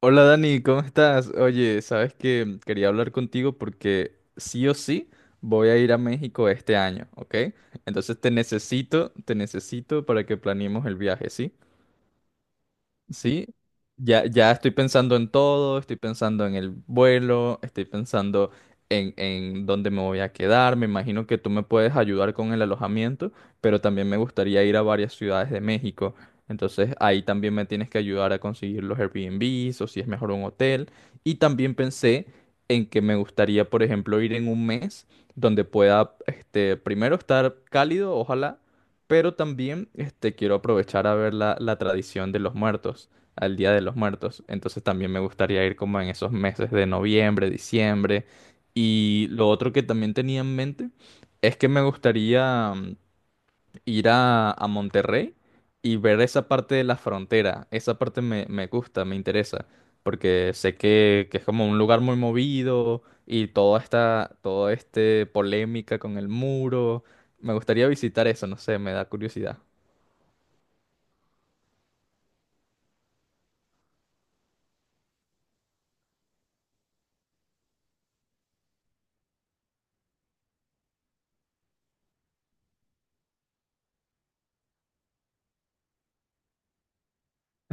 Hola Dani, ¿cómo estás? Oye, sabes que quería hablar contigo porque sí o sí voy a ir a México este año, ¿ok? Entonces te necesito para que planeemos el viaje, ¿sí? Sí, ya, ya estoy pensando en todo, estoy pensando en el vuelo, estoy pensando en dónde me voy a quedar. Me imagino que tú me puedes ayudar con el alojamiento, pero también me gustaría ir a varias ciudades de México. Entonces ahí también me tienes que ayudar a conseguir los Airbnbs o si es mejor un hotel. Y también pensé en que me gustaría, por ejemplo, ir en un mes donde pueda, este, primero estar cálido, ojalá, pero también este, quiero aprovechar a ver la tradición de los muertos, al Día de los Muertos. Entonces también me gustaría ir como en esos meses de noviembre, diciembre. Y lo otro que también tenía en mente es que me gustaría, ir a Monterrey y ver esa parte de la frontera. Esa parte me, me gusta, me interesa, porque sé que es como un lugar muy movido y toda esta, todo este polémica con el muro. Me gustaría visitar eso, no sé, me da curiosidad.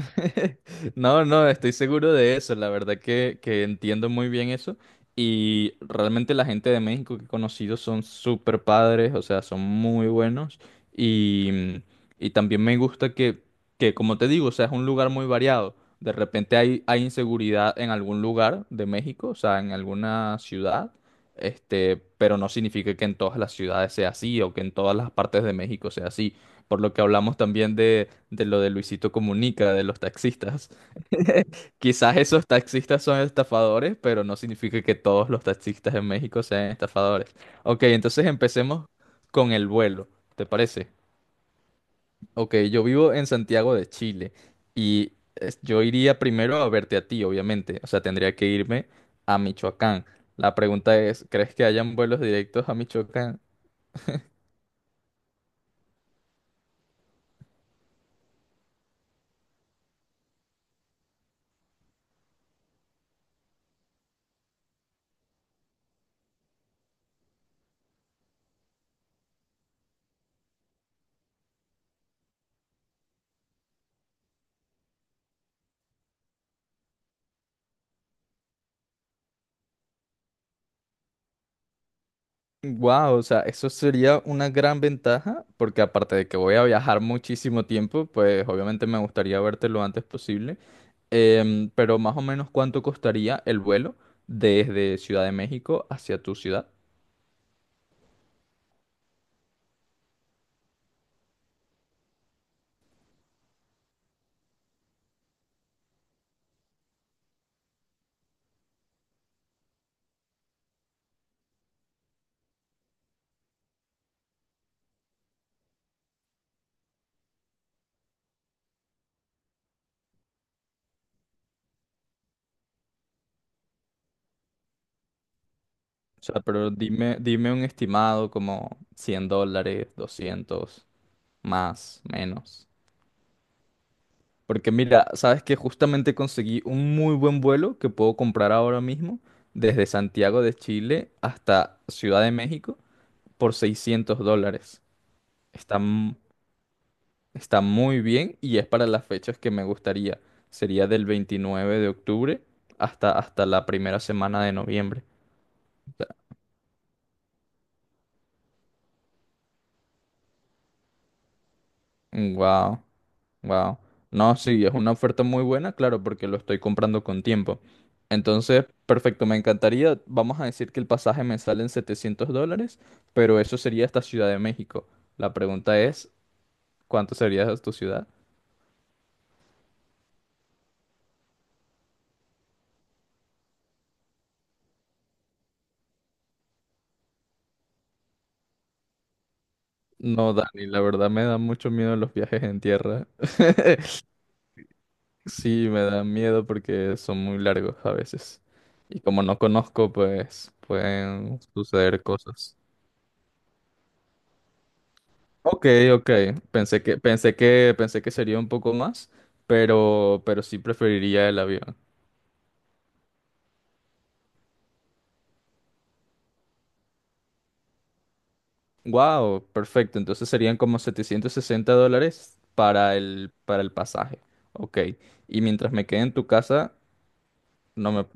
No, no, estoy seguro de eso. La verdad que entiendo muy bien eso. Y realmente la gente de México que he conocido son súper padres, o sea, son muy buenos. Y, y también me gusta que, como te digo, o sea, es un lugar muy variado. De repente hay, hay inseguridad en algún lugar de México, o sea, en alguna ciudad. Este, pero no significa que en todas las ciudades sea así o que en todas las partes de México sea así. Por lo que hablamos también de lo de Luisito Comunica, de los taxistas. Quizás esos taxistas son estafadores, pero no significa que todos los taxistas en México sean estafadores. Ok, entonces empecemos con el vuelo, ¿te parece? Ok, yo vivo en Santiago de Chile y yo iría primero a verte a ti, obviamente. O sea, tendría que irme a Michoacán. La pregunta es, ¿crees que hayan vuelos directos a Michoacán? Wow, o sea, eso sería una gran ventaja, porque aparte de que voy a viajar muchísimo tiempo, pues obviamente me gustaría verte lo antes posible. Pero más o menos cuánto costaría el vuelo desde Ciudad de México hacia tu ciudad. O sea, pero dime, dime un estimado como $100, 200, más, menos. Porque mira, sabes que justamente conseguí un muy buen vuelo que puedo comprar ahora mismo desde Santiago de Chile hasta Ciudad de México por $600. Está, m- Está muy bien y es para las fechas que me gustaría. Sería del 29 de octubre hasta, hasta la primera semana de noviembre. Wow, wow. No, sí, es una oferta muy buena, claro, porque lo estoy comprando con tiempo. Entonces, perfecto, me encantaría. Vamos a decir que el pasaje me sale en $700, pero eso sería hasta Ciudad de México. La pregunta es, ¿cuánto sería tu ciudad? No, Dani, la verdad me da mucho miedo los viajes en tierra. Sí, me da miedo porque son muy largos a veces. Y como no conozco, pues pueden suceder cosas. Ok, ok. Pensé que sería un poco más, pero sí preferiría el avión. Wow, perfecto. Entonces serían como 760 dólares para el pasaje. Ok. Y mientras me quede en tu casa, no me...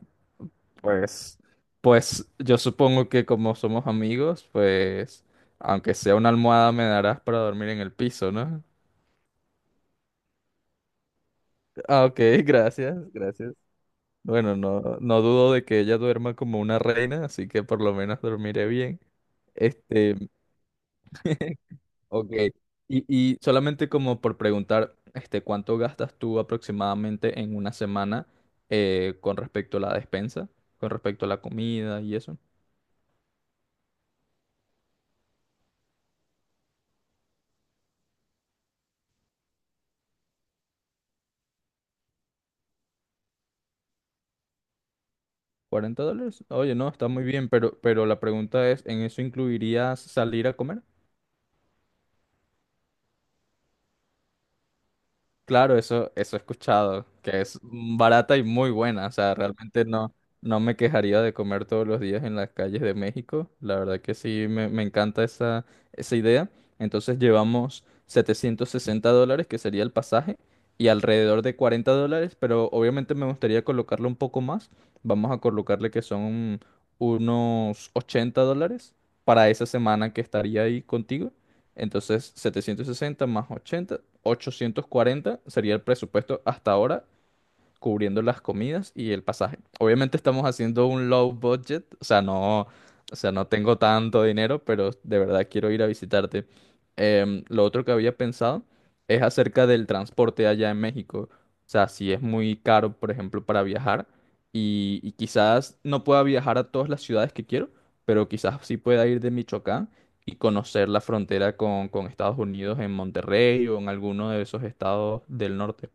Pues, pues yo supongo que como somos amigos, pues aunque sea una almohada me darás para dormir en el piso, ¿no? Ah, ok, gracias, gracias. Bueno, no, no dudo de que ella duerma como una reina, así que por lo menos dormiré bien. Este, ok. Y solamente como por preguntar, este, ¿cuánto gastas tú aproximadamente en una semana, con respecto a la despensa, con respecto a la comida y eso? ¿Cuarenta dólares? Oye, no, está muy bien, pero la pregunta es, ¿en eso incluirías salir a comer? Claro, eso he escuchado, que es barata y muy buena. O sea, realmente no, no me quejaría de comer todos los días en las calles de México. La verdad que sí, me encanta esa, esa idea. Entonces llevamos $760, que sería el pasaje, y alrededor de $40, pero obviamente me gustaría colocarle un poco más. Vamos a colocarle que son unos $80 para esa semana que estaría ahí contigo. Entonces, 760 más 80, 840 sería el presupuesto hasta ahora cubriendo las comidas y el pasaje. Obviamente estamos haciendo un low budget, o sea, no tengo tanto dinero, pero de verdad quiero ir a visitarte. Lo otro que había pensado es acerca del transporte allá en México. O sea, si es muy caro, por ejemplo, para viajar y quizás no pueda viajar a todas las ciudades que quiero, pero quizás sí pueda ir de Michoacán y conocer la frontera con Estados Unidos en Monterrey o en alguno de esos estados del norte.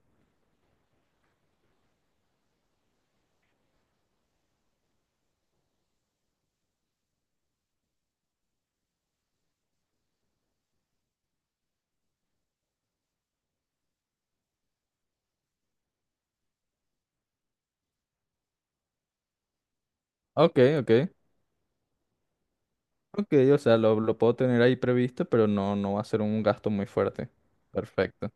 Ok, ok. Ok, o sea, lo puedo tener ahí previsto, pero no, no va a ser un gasto muy fuerte. Perfecto.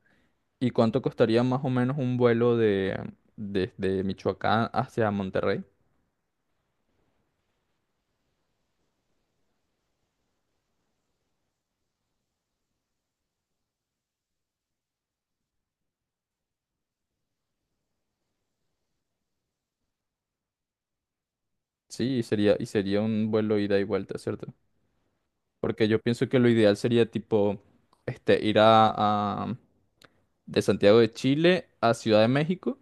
¿Y cuánto costaría más o menos un vuelo de desde Michoacán hacia Monterrey? Sí, y sería un vuelo ida y vuelta, ¿cierto? Porque yo pienso que lo ideal sería tipo este ir a, de Santiago de Chile a Ciudad de México.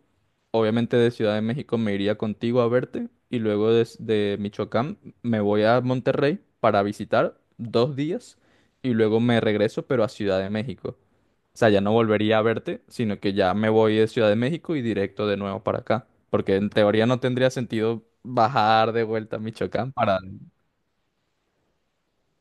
Obviamente de Ciudad de México me iría contigo a verte y luego desde Michoacán me voy a Monterrey para visitar dos días y luego me regreso pero a Ciudad de México. O sea, ya no volvería a verte, sino que ya me voy de Ciudad de México y directo de nuevo para acá. Porque en teoría no tendría sentido bajar de vuelta a Michoacán para...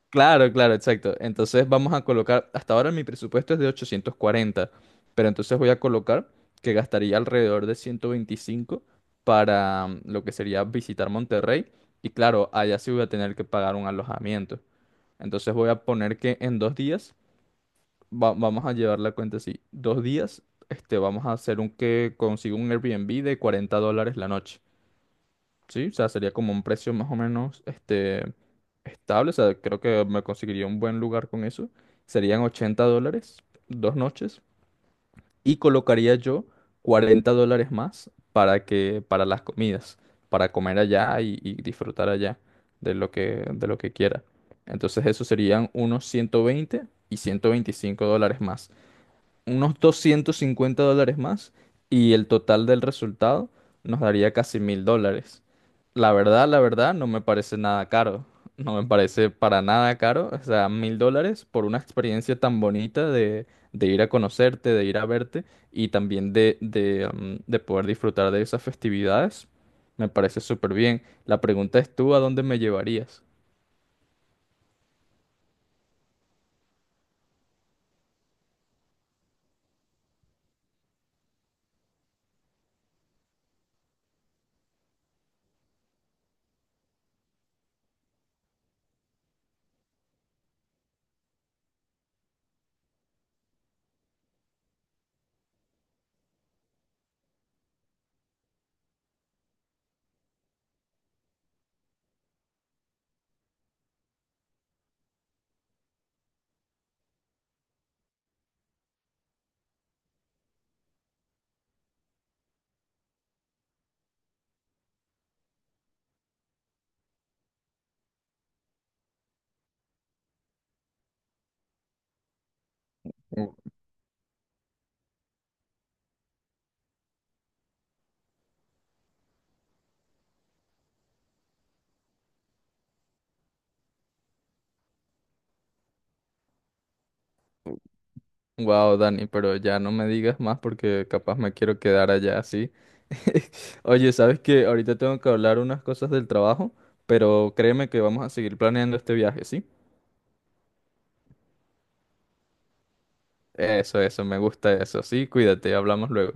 Claro, claro, exacto. Entonces vamos a colocar, hasta ahora mi presupuesto es de 840, pero entonces voy a colocar que gastaría alrededor de 125 para, lo que sería visitar Monterrey. Y claro, allá sí voy a tener que pagar un alojamiento. Entonces voy a poner que en dos días, vamos a llevar la cuenta así, dos días, este, vamos a hacer un que consiga un Airbnb de $40 la noche. Sí, o sea, sería como un precio más o menos este, estable. O sea, creo que me conseguiría un buen lugar con eso. Serían $80, dos noches. Y colocaría yo $40 más para que, para las comidas, para comer allá y disfrutar allá de lo que quiera. Entonces eso serían unos 120 y $125 más unos $250 más y el total del resultado nos daría casi $1,000. La verdad, no me parece nada caro. No me parece para nada caro. O sea, $1,000 por una experiencia tan bonita de ir a conocerte, de ir a verte y también de, de poder disfrutar de esas festividades. Me parece súper bien. La pregunta es tú, ¿a dónde me llevarías? Wow, Dani, pero ya no me digas más porque capaz me quiero quedar allá así. Oye, sabes que ahorita tengo que hablar unas cosas del trabajo, pero créeme que vamos a seguir planeando este viaje, ¿sí? Eso, me gusta eso. Sí, cuídate, hablamos luego.